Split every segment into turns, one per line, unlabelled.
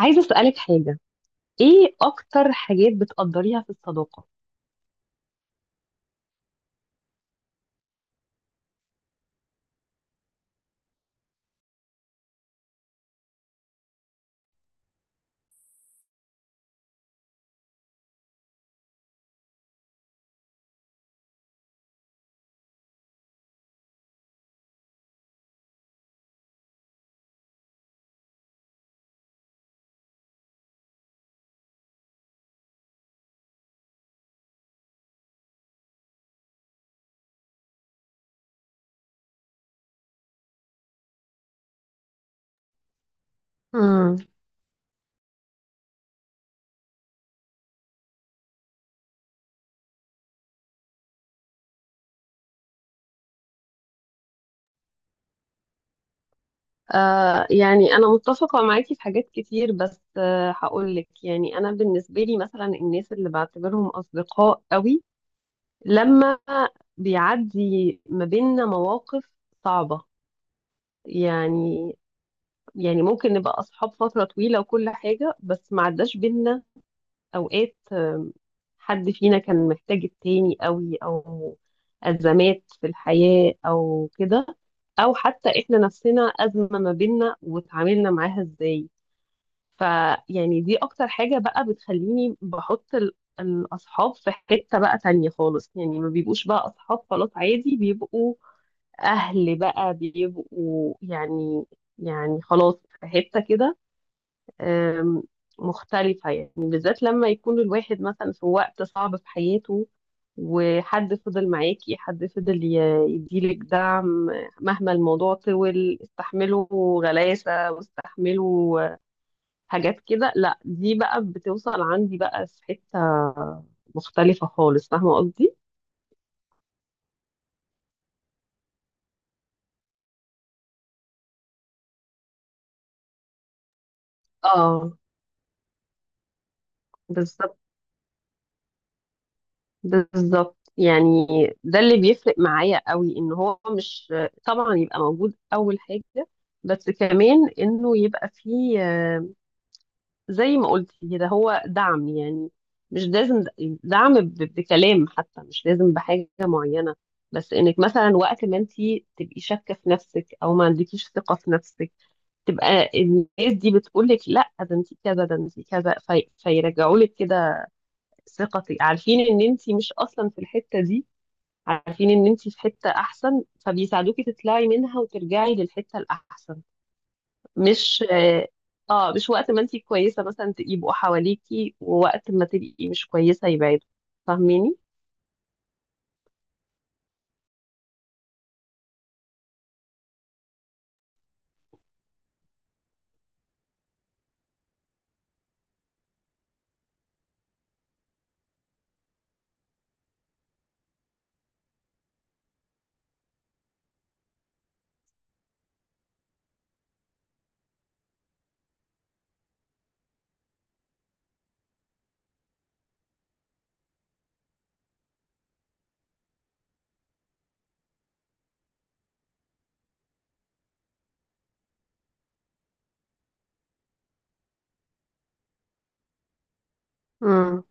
عايزة أسألك حاجة. إيه أكتر حاجات بتقدريها في الصداقة؟ امم. يعني أنا متفقة معاكي في حاجات كتير، بس هقول لك. يعني أنا بالنسبة لي مثلا الناس اللي بعتبرهم أصدقاء قوي لما بيعدي ما بيننا مواقف صعبة، يعني ممكن نبقى أصحاب فترة طويلة وكل حاجة، بس ما عداش بينا أوقات حد فينا كان محتاج التاني قوي، أو أزمات في الحياة أو كده، أو حتى إحنا نفسنا أزمة ما بيننا وتعاملنا معاها إزاي. فيعني دي أكتر حاجة بقى بتخليني بحط الأصحاب في حتة بقى تانية خالص. يعني ما بيبقوش بقى أصحاب خلاص عادي، بيبقوا أهل بقى، بيبقوا يعني خلاص في حتة كده آم، مختلفة. يعني بالذات لما يكون الواحد مثلا في وقت صعب في حياته وحد فضل معاكي، حد فضل يديلك دعم مهما الموضوع طول، استحمله غلاسة، واستحمله حاجات كده. لا، دي بقى بتوصل عندي بقى في حتة مختلفة خالص. فاهمة قصدي؟ اه، بالظبط، بالظبط. يعني ده اللي بيفرق معايا قوي، ان هو مش طبعا يبقى موجود اول حاجة، بس كمان انه يبقى فيه زي ما قلت كده، هو دعم يعني. مش لازم دعم بكلام حتى، مش لازم بحاجة معينة، بس انك مثلا وقت ما انت تبقي شاكة في نفسك او ما عندكيش ثقة في نفسك، تبقى الناس دي بتقول لك: لا، ده انت كذا، ده انت كذا، فيرجعوا لك كده ثقتك. عارفين ان انت مش اصلا في الحتة دي، عارفين ان انت في حتة احسن، فبيساعدوكي تطلعي منها وترجعي للحتة الاحسن. مش اه آه، مش وقت ما انت كويسة مثلا يبقوا حواليكي، ووقت ما تبقي مش كويسة يبعدوا. فاهميني؟ امم.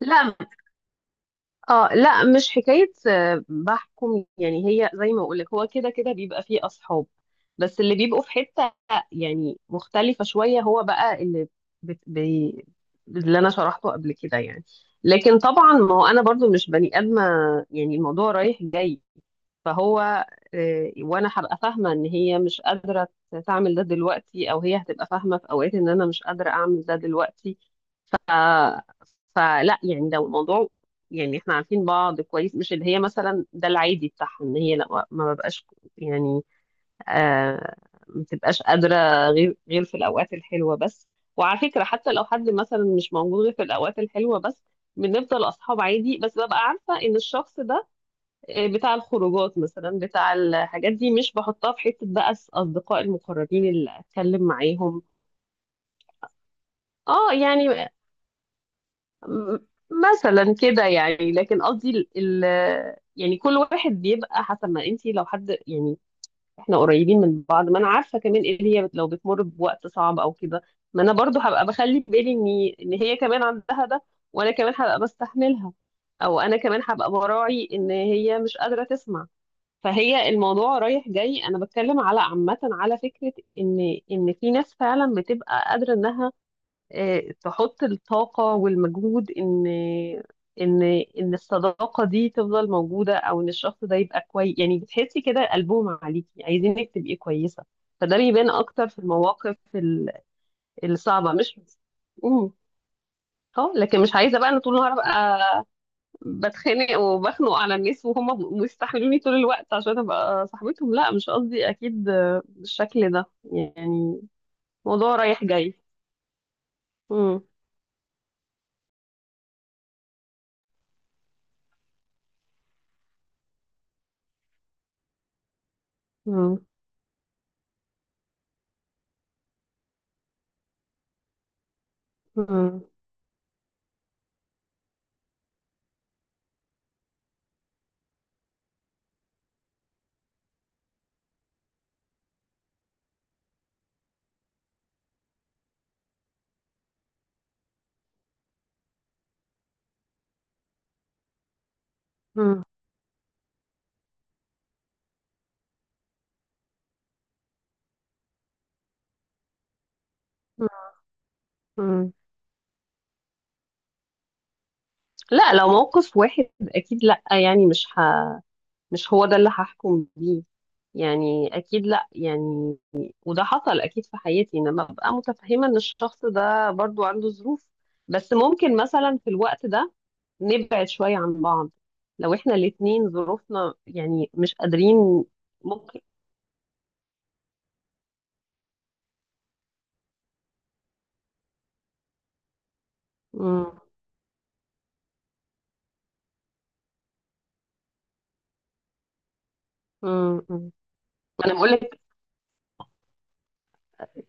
لا، اه لا، مش حكاية بحكم. يعني هي زي ما اقولك، هو كده كده بيبقى فيه اصحاب، بس اللي بيبقوا في حتة يعني مختلفة شوية، هو بقى اللي بت... بي... اللي انا شرحته قبل كده يعني. لكن طبعا ما هو انا برضو مش بني ادمة، يعني الموضوع رايح جاي. فهو وانا هبقى فاهمة ان هي مش قادرة تعمل ده دلوقتي، او هي هتبقى فاهمة في اوقات ان انا مش قادرة اعمل ده دلوقتي. آه، فلا يعني لو الموضوع، يعني احنا عارفين بعض كويس، مش اللي هي مثلا ده العادي بتاعها ان هي لا، ما ببقاش يعني آه ما بتبقاش قادرة غير في الأوقات الحلوة بس. وعلى فكرة، حتى لو حد مثلا مش موجود غير في الأوقات الحلوة بس، بنفضل أصحاب عادي، بس ببقى عارفة إن الشخص ده بتاع الخروجات مثلا، بتاع الحاجات دي، مش بحطها في حتة بقى الأصدقاء المقربين اللي أتكلم معاهم. اه يعني، م- مثلا كده يعني. لكن قصدي يعني كل واحد بيبقى حسب ما انت، لو حد يعني احنا قريبين من بعض، ما انا عارفه كمان ان هي لو بتمر بوقت صعب او كده، ما انا برضو هبقى بخلي بالي ان هي كمان عندها ده، وانا كمان هبقى بستحملها، او انا كمان هبقى براعي ان هي مش قادره تسمع. فهي الموضوع رايح جاي، انا بتكلم على عامه على فكره، ان ان في ناس فعلا بتبقى قادره انها تحط الطاقة والمجهود إن إن الصداقة دي تفضل موجودة، أو إن الشخص ده يبقى كويس. يعني بتحسي كده قلبهم عليكي، عايزينك تبقي كويسة. فده بيبان أكتر في المواقف الصعبة، مش. مم. اه، لكن مش عايزة بقى أنا طول النهار أبقى بتخانق وبخنق على الناس وهم مستحملوني طول الوقت عشان أبقى صاحبتهم. لا، مش قصدي أكيد بالشكل ده يعني، موضوع رايح جاي. مم. مم. مم. مم. مم. لا، لو موقف واحد اكيد لا. يعني مش هو ده اللي هحكم بيه، يعني اكيد لا يعني. وده حصل اكيد في حياتي، انما ابقى متفهمه ان الشخص ده برضو عنده ظروف، بس ممكن مثلا في الوقت ده نبعد شويه عن بعض لو احنا الاتنين ظروفنا يعني مش قادرين، ممكن. مم. مم. مم. انا بقول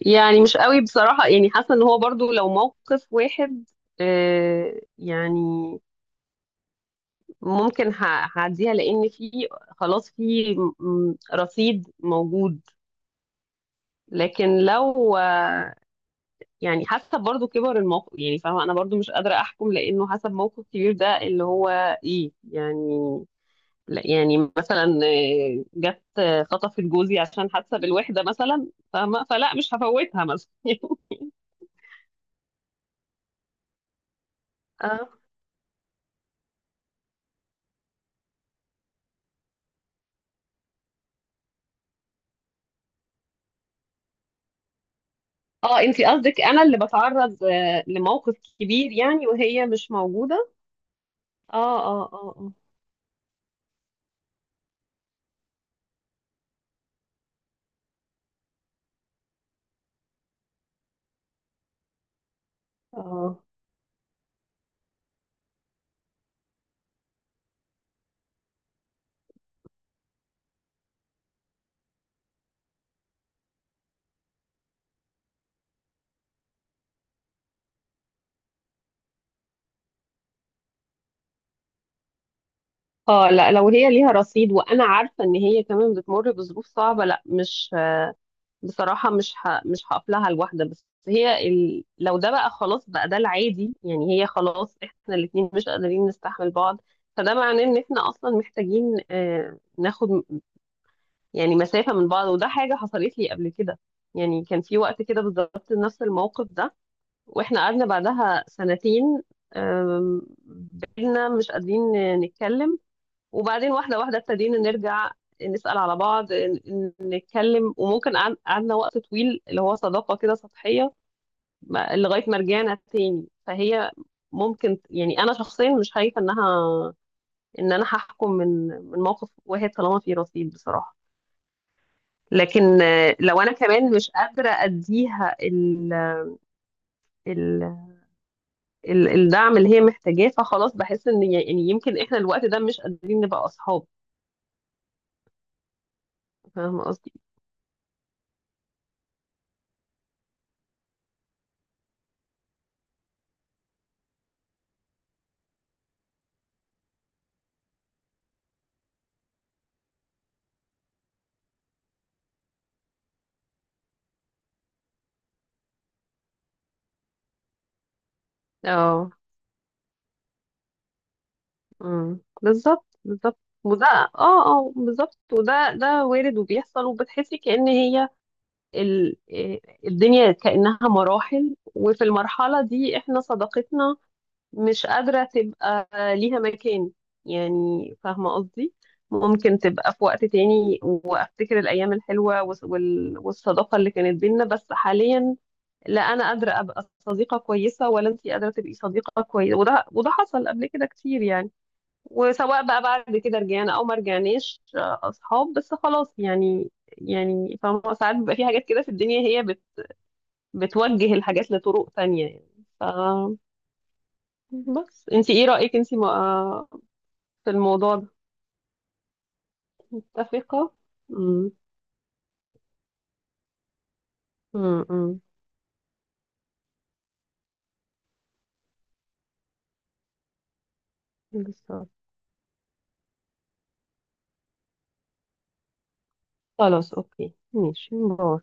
يعني مش قوي بصراحة، يعني حاسة ان هو برضو لو موقف واحد، يعني ممكن هعديها، لان في خلاص في رصيد موجود. لكن لو يعني حسب برضو كبر الموقف يعني، فاهمة انا برضو مش قادرة احكم، لانه حسب موقف كبير ده اللي هو ايه يعني. لا، يعني مثلا جت خطفت جوزي عشان حاسه بالوحده مثلا، فاهمه؟ فلا، مش هفوتها مثلا. اه، انتي قصدك انا اللي بتعرض لموقف كبير يعني وهي مش موجودة. اه، اه، اه، اه، اه، اه، لا، لو هي ليها رصيد وانا عارفة ان هي كمان بتمر بظروف صعبة، لا مش. بصراحة مش هقف لها لوحدها. بس هي لو ده بقى خلاص بقى ده العادي يعني، هي خلاص احنا الاتنين مش قادرين نستحمل بعض، فده معناه ان احنا اصلا محتاجين ناخد يعني مسافة من بعض. وده حاجة حصلت لي قبل كده. يعني كان في وقت كده بالظبط نفس الموقف ده، واحنا قعدنا بعدها سنتين. أم، بقينا مش قادرين نتكلم، وبعدين واحدة واحدة ابتدينا نرجع نسأل على بعض، نتكلم، وممكن قعدنا وقت طويل اللي هو صداقة كده سطحية، لغاية ما رجعنا تاني. فهي ممكن، يعني أنا شخصيا مش خايفة إن أنا هحكم من موقف واحد طالما في رصيد بصراحة. لكن لو أنا كمان مش قادرة أديها الدعم اللي هي محتاجاه، فخلاص بحس ان يعني يمكن احنا الوقت ده مش قادرين نبقى اصحاب. فاهمه قصدي؟ اه، امم، بالظبط، بالظبط. وده، اه، اه، بالظبط. وده وارد، وبيحصل، وبتحسي كأن هي ال... إيه، الدنيا كأنها مراحل، وفي المرحلة دي احنا صداقتنا مش قادرة تبقى ليها مكان. يعني فاهمة قصدي؟ ممكن تبقى في وقت تاني، وافتكر الأيام الحلوة والصداقة اللي كانت بينا، بس حاليا لا انا قادره ابقى صديقه كويسه، ولا انت قادره تبقي صديقه كويسه. وده حصل قبل كده كتير يعني. وسواء بقى بعد كده رجعنا او ما رجعناش اصحاب، بس خلاص يعني. يعني فاهمة، ساعات بيبقى في حاجات كده في الدنيا هي بتوجه الحاجات لطرق تانية يعني. بس انت ايه رايك انت في الموضوع ده؟ متفقه. امم، امم، بالظبط. خلاص، اوكي، ماشي، باي.